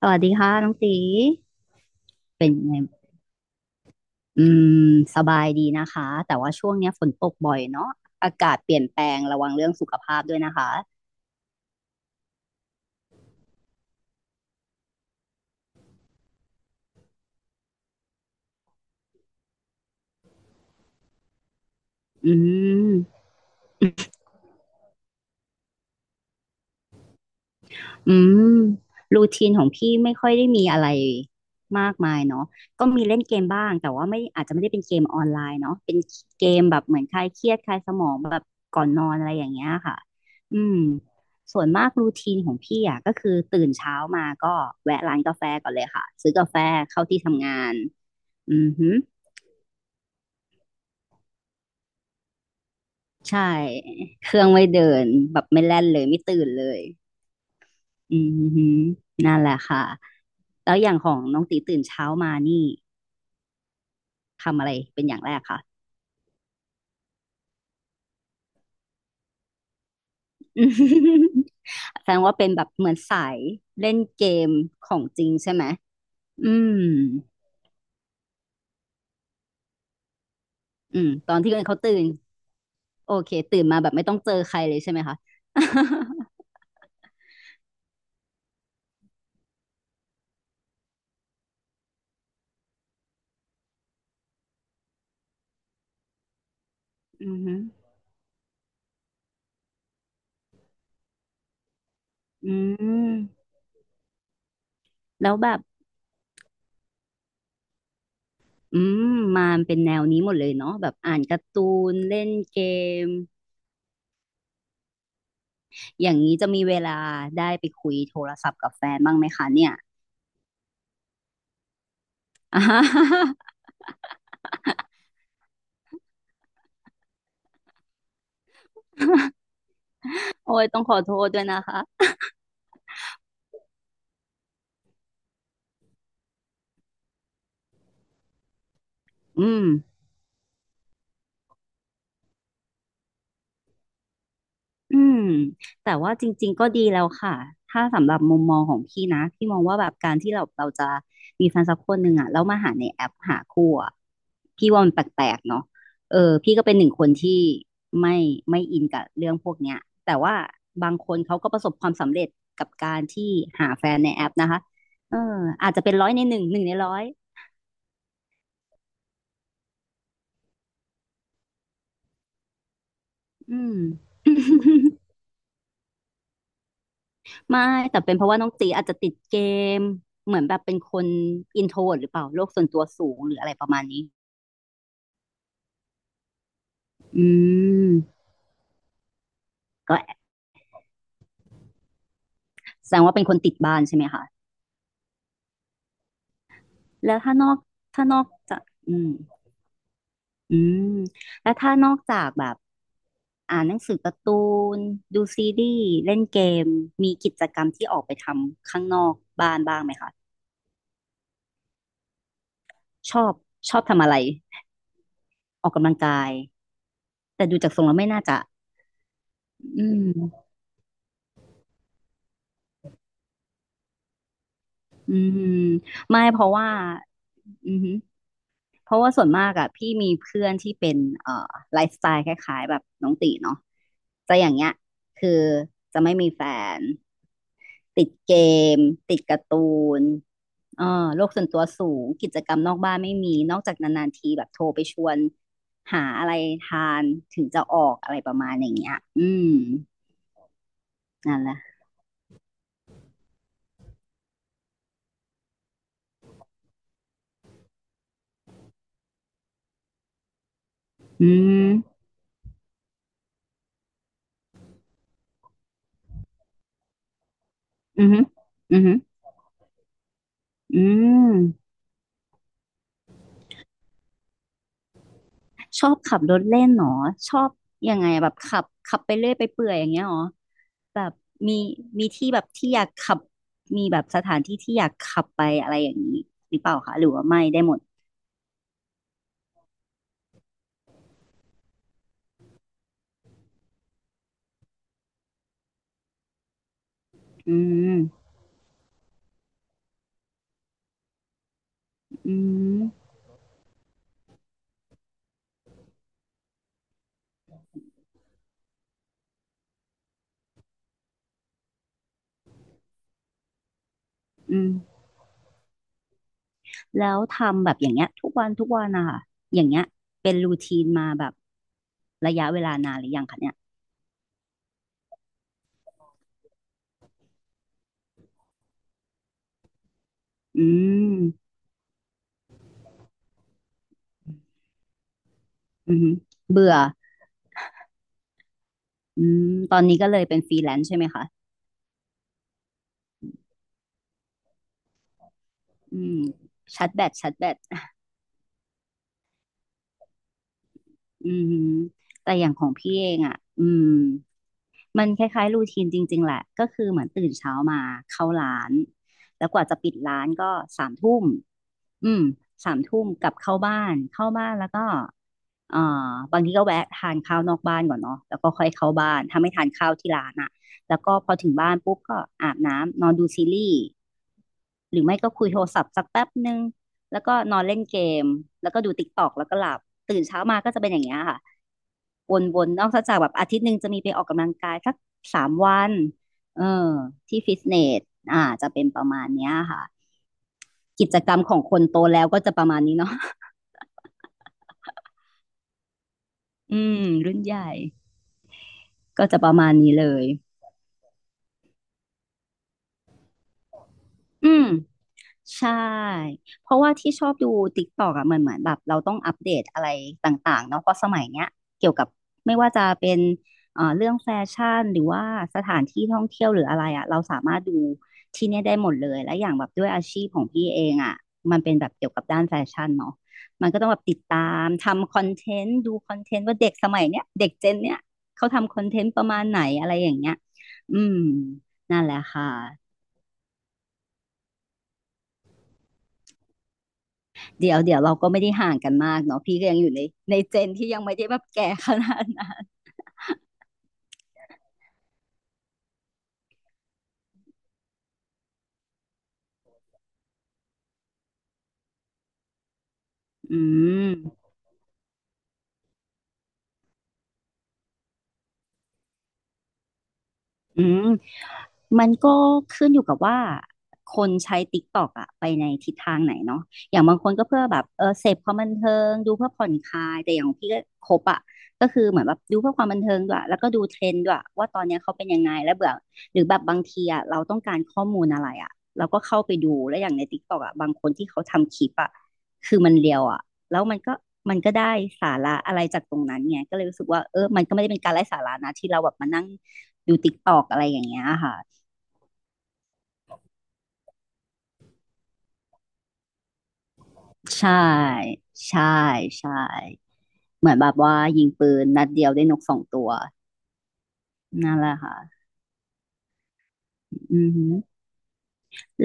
สวัสดีค่ะน้องตีเป็นไงอืมสบายดีนะคะแต่ว่าช่วงเนี้ยฝนตกบ่อยเนาะอากาศเปลี่ยนแปลงระวังเรื่องสุขภาพด้วยนะคะอืม อืมรูทีนของพี่ไม่ค่อยได้มีอะไรมากมายเนาะก็มีเล่นเกมบ้างแต่ว่าไม่อาจจะไม่ได้เป็นเกมออนไลน์เนาะเป็นเกมแบบเหมือนคลายเครียดคลายสมองแบบก่อนนอนอะไรอย่างเงี้ยค่ะอืมส่วนมากรูทีนของพี่อ่ะก็คือตื่นเช้ามาก็แวะร้านกาแฟก่อนเลยค่ะซื้อกาแฟเข้าที่ทำงานอือหือใช่เครื่องไม่เดินแบบไม่แล่นเลยไม่ตื่นเลยอือหือนั่นแหละค่ะแล้วอย่างของน้องตีตื่นเช้ามานี่ ทำอะไรเป็นอย่างแรกค่ะ แสดงว่าเป็นแบบเหมือนสายเล่นเกมของจริงใช่ไหมอืมอืมตอนที่เขาตื่นโอเคตื่นมาแบบไม่ต้องเจอใครเลยใช่ไหมคะ อือฮึอืมแล้วแบบอืมมาเป็นแนวนี้หมดเลยเนาะแบบอ่านการ์ตูนเล่นเกมอย่างนี้จะมีเวลาได้ไปคุยโทรศัพท์กับแฟนบ้างไหมคะเนี่ย โอ้ยต้องขอโทษด้วยนะคะอืม อืมแต่ว่าจริงๆก็ดีแล้วค่ะถ้าสำหรับมุมมองของพี่นะพี่มองว่าแบบการที่เราจะมีแฟนสักคนหนึ่งอ่ะแล้วมาหาในแอปหาคู่อ่ะพี่ว่ามันแปลกๆเนาะเออพี่ก็เป็นหนึ่งคนที่ไม่ไม่อินกับเรื่องพวกเนี้ยแต่ว่าบางคนเขาก็ประสบความสำเร็จกับการที่หาแฟนในแอปนะคะเอออาจจะเป็นร้อยในหนึ่งหนึ่งในร้อยอืม ไม่แต่เป็นเพราะว่าน้องตีอาจจะติดเกมเหมือนแบบเป็นคนอินโทรหรือเปล่าโลกส่วนตัวสูงหรืออะไรประมาณนี้อืมก็แสดงว่าเป็นคนติดบ้านใช่ไหมคะแล้วถ้านอกจากอืมอืมแล้วถ้านอกจากแบบอ่านหนังสือการ์ตูนดูซีรีส์เล่นเกมมีกิจกรรมที่ออกไปทำข้างนอกบ้านบ้างไหมคะชอบชอบทำอะไรออกกำลังกายแต่ดูจากทรงแล้วไม่น่าจะอืม อืมไม่เพราะว่าอือหือเพราะว่าส่วนมากอะพี่มีเพื่อนที่เป็นเอ่อไลฟ์สไตล์คล้ายๆแบบน้องตีเนาะจะอย่างเงี้ยคือจะไม่มีแฟนติดเกมติดการ์ตูนเออโลกส่วนตัวสูงกิจกรรมนอกบ้านไม่มีนอกจากนานๆทีแบบโทรไปชวนหาอะไรทานถึงจะออกอะไรประมาณอย่างเงี้ยอืมนั่นแหละอืมอือหืออือหืออืม ชอบขับรถเล่นเหรอชอบยังไงแบบขับขับไปเรื่อยไปเปื่อยอย่างเงี้ยเหรอแบบมีมีที่แบบที่อยากขับมีแบบสถานที่ที่อยากขับไปอะไรอย่างนี้หรือเปล่าคะหรือว่าไม่ได้หมดอืมอืมอืมแล้วทำแบบอย่างเงี้ยทุกวันทุกวันนะคะอย่างเงี้ยเป็นรูทีนมาแบบระยะเวลานานหรือยังคะเนี่ยอืมอืมเบื่ออืมตอนนี้ก็เลยเป็นฟรีแลนซ์ใช่ไหมคะอืมชัดแบตชัดแบต อืมฮึแต่อย่างของพี่เองอ่ะอืมมันคล้ายๆรูทีนจริงๆแหละก็คือเหมือนตื่นเช้ามาเข้าร้านแล้วกว่าจะปิดร้านก็สามทุ่มอืมสามทุ่มกลับเข้าบ้านเข้าบ้านแล้วก็เอ่อบางทีก็แวะทานข้าวนอกบ้านก่อนเนาะแล้วก็ค่อยเข้าบ้านถ้าไม่ทานข้าวที่ร้านอ่ะแล้วก็พอถึงบ้านปุ๊บก็อาบน้ำนอนดูซีรีส์หรือไม่ก็คุยโทรศัพท์สักแป๊บนึง แล้วก็นอนเล่นเกมแล้วก็ดูติ๊กตอกแล้วก็หลับตื่นเช้ามาก็จะเป็นอย่างเงี้ยค่ะวนๆนอกจากแบบอาทิตย์หนึ่งจะมีไปออกกำลังกายสักสามวันเออที่ฟิตเนสอ่าจะเป็นประมาณเนี้ยค่ะกิจกรรมของคนโตแล้วก็จะประมาณนี้เนาะ อืมรุ่นใหญ่ก็จะประมาณนี้เลยอืม ใช่เพราะว่าที่ชอบดู TikTok อ่ะมันเหมือนแบบเราต้องอัปเดตอะไรต่างๆเนาะเพราะสมัยเนี้ยเกี่ยวกับไม่ว่าจะเป็นเรื่องแฟชั่นหรือว่าสถานที่ท่องเที่ยวหรืออะไรอ่ะเราสามารถดูที่เนี่ยได้หมดเลยและอย่างแบบด้วยอาชีพของพี่เองอ่ะมันเป็นแบบเกี่ยวกับด้านแฟชั่นเนาะมันก็ต้องแบบติดตามทำคอนเทนต์ดูคอนเทนต์ว่าเด็กสมัยเนี้ยเด็กเจนเนี้ยเขาทำคอนเทนต์ประมาณไหนอะไรอย่างเงี้ยอืมนั่นแหละค่ะ เดี๋ยวเราก็ไม่ได้ห่างกันมากเนาะพี่ก็ยังอยู่ในเจนที่ยังไม่ได้แบบแก่ขนาดนั้นอืมอืม มันขึ้นอยู่กับว่าคนใช้ TikTok อะไปในทิศทางไหนเนาะอย่างบางคนก็เพื่อแบบเสพความบันเทิงดูเพื่อผ่อนคลายแต่อย่างพี่ก็คบอะก็คือเหมือนแบบดูเพื่อความบันเทิงด้วยแล้วก็ดูเทรนด์ด้วยว่าตอนเนี้ยเขาเป็นยังไงแล้วเบื่อหรือแบบบางทีอะเราต้องการข้อมูลอะไรอะเราก็เข้าไปดูแล้วอย่างใน TikTok อะบางคนที่เขาทำคลิปอะคือมันเรียวอะแล้วมันก็ได้สาระอะไรจากตรงนั้นไงก็เลยรู้สึกว่าเออมันก็ไม่ได้เป็นการไร้สาระนะที่เราแบบมานั่งดูติกตอกอะไรอย่างเงี้ยค่ะ ใช่ใช่ใช่เหมือนแบบว่ายิงปืนนัดเดียวได้นกสองตัวนั่นแหละค่ะอือหือ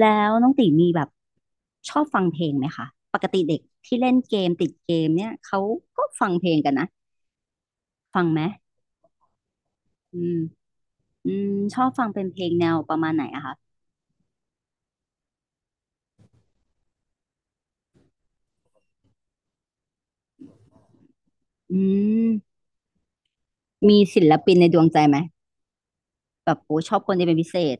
แล้วน้องตีมีแบบชอบฟังเพลงไหมคะปกติเด็กที่เล่นเกมติดเกมเนี่ยเขาก็ฟังเพลงกันนะฟังไหมอืมอืมชอบฟังเป็นเพลงแนวประมาณไหนอะคะอืมมีศิลปินในดวงใจไหมแบบโอ้ชอบคนที่เป็นพิเศษ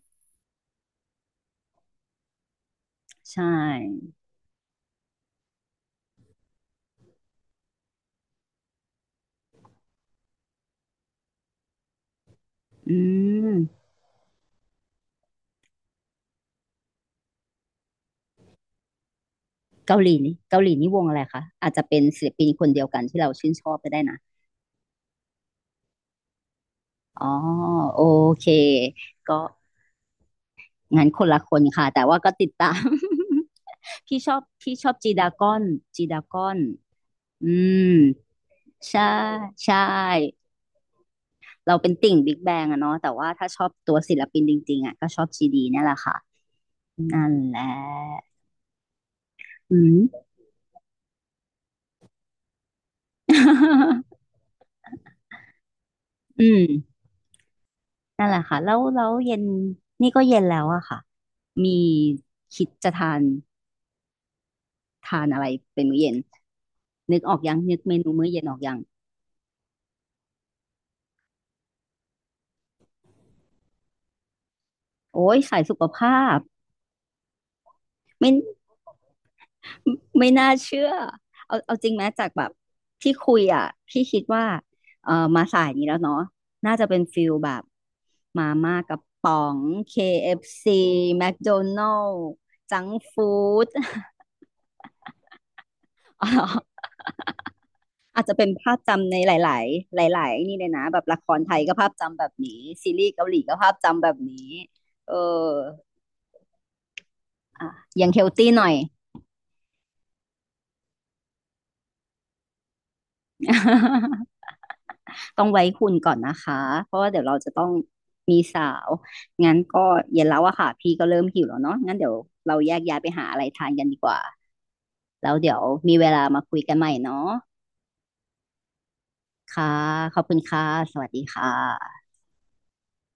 ใช่อืมเกาหลีนี่วงอะไรคะอาจจะเป็นศิลปินคนเดียวกันที่เราชื่นชอบก็ได้นะ อ๋อโอเคก็งั้นคนละคนค่ะแต่ว่าก็ติดตาม พี่ชอบจีดากอนจีดากอนอืมใช่ใช่เราเป็นติ่งบิ๊กแบงอะเนาะแต่ว่าถ้าชอบตัวศิลปินจริงๆอะก็ชอบจีดีนั่นแหละค่ะนั่นแหละอืม อืมนั่นแหละค่ะแล้วเย็นนี่ก็เย็นแล้วอะค่ะมีคิดจะทานอะไรเป็นมื้อเย็นนึกออกยังนึกเมนูมื้อเย็นออกยัง โอ้ยสายสุขภาพไม่ไม่น่าเชื่อเอาจริงไหมจากแบบที่คุยอ่ะพี่คิดว่าเออมาสายนี้แล้วเนาะน่าจะเป็นฟิลแบบมาม่ากระป๋อง KFC แม d o n น l ล s จังฟู้ด อ๋ออาจจะเป็นภาพจำในหลายๆหลายๆนี่เลยนะแบบละครไทยก็ภาพจำแบบนี้ซีรีส์เกาหลีก็ภาพจำแบบนี้เออยังเฮลตี้หน่อย ต้องไว้หุ่นก่อนนะคะ เพราะว่าเดี๋ยวเราจะต้องมีสาว งั้นก็เย็นแล้วอะค่ะ พี่ก็เริ่มหิวแล้วเนาะงั้นเดี๋ยวเราแยกย้ายไปหาอะไรทานกันดีกว่า แล้วเดี๋ยวมีเวลามาคุยกันใหม่เนาะค่ะ ขอบคุณค่ะ สวัสดีค่ะ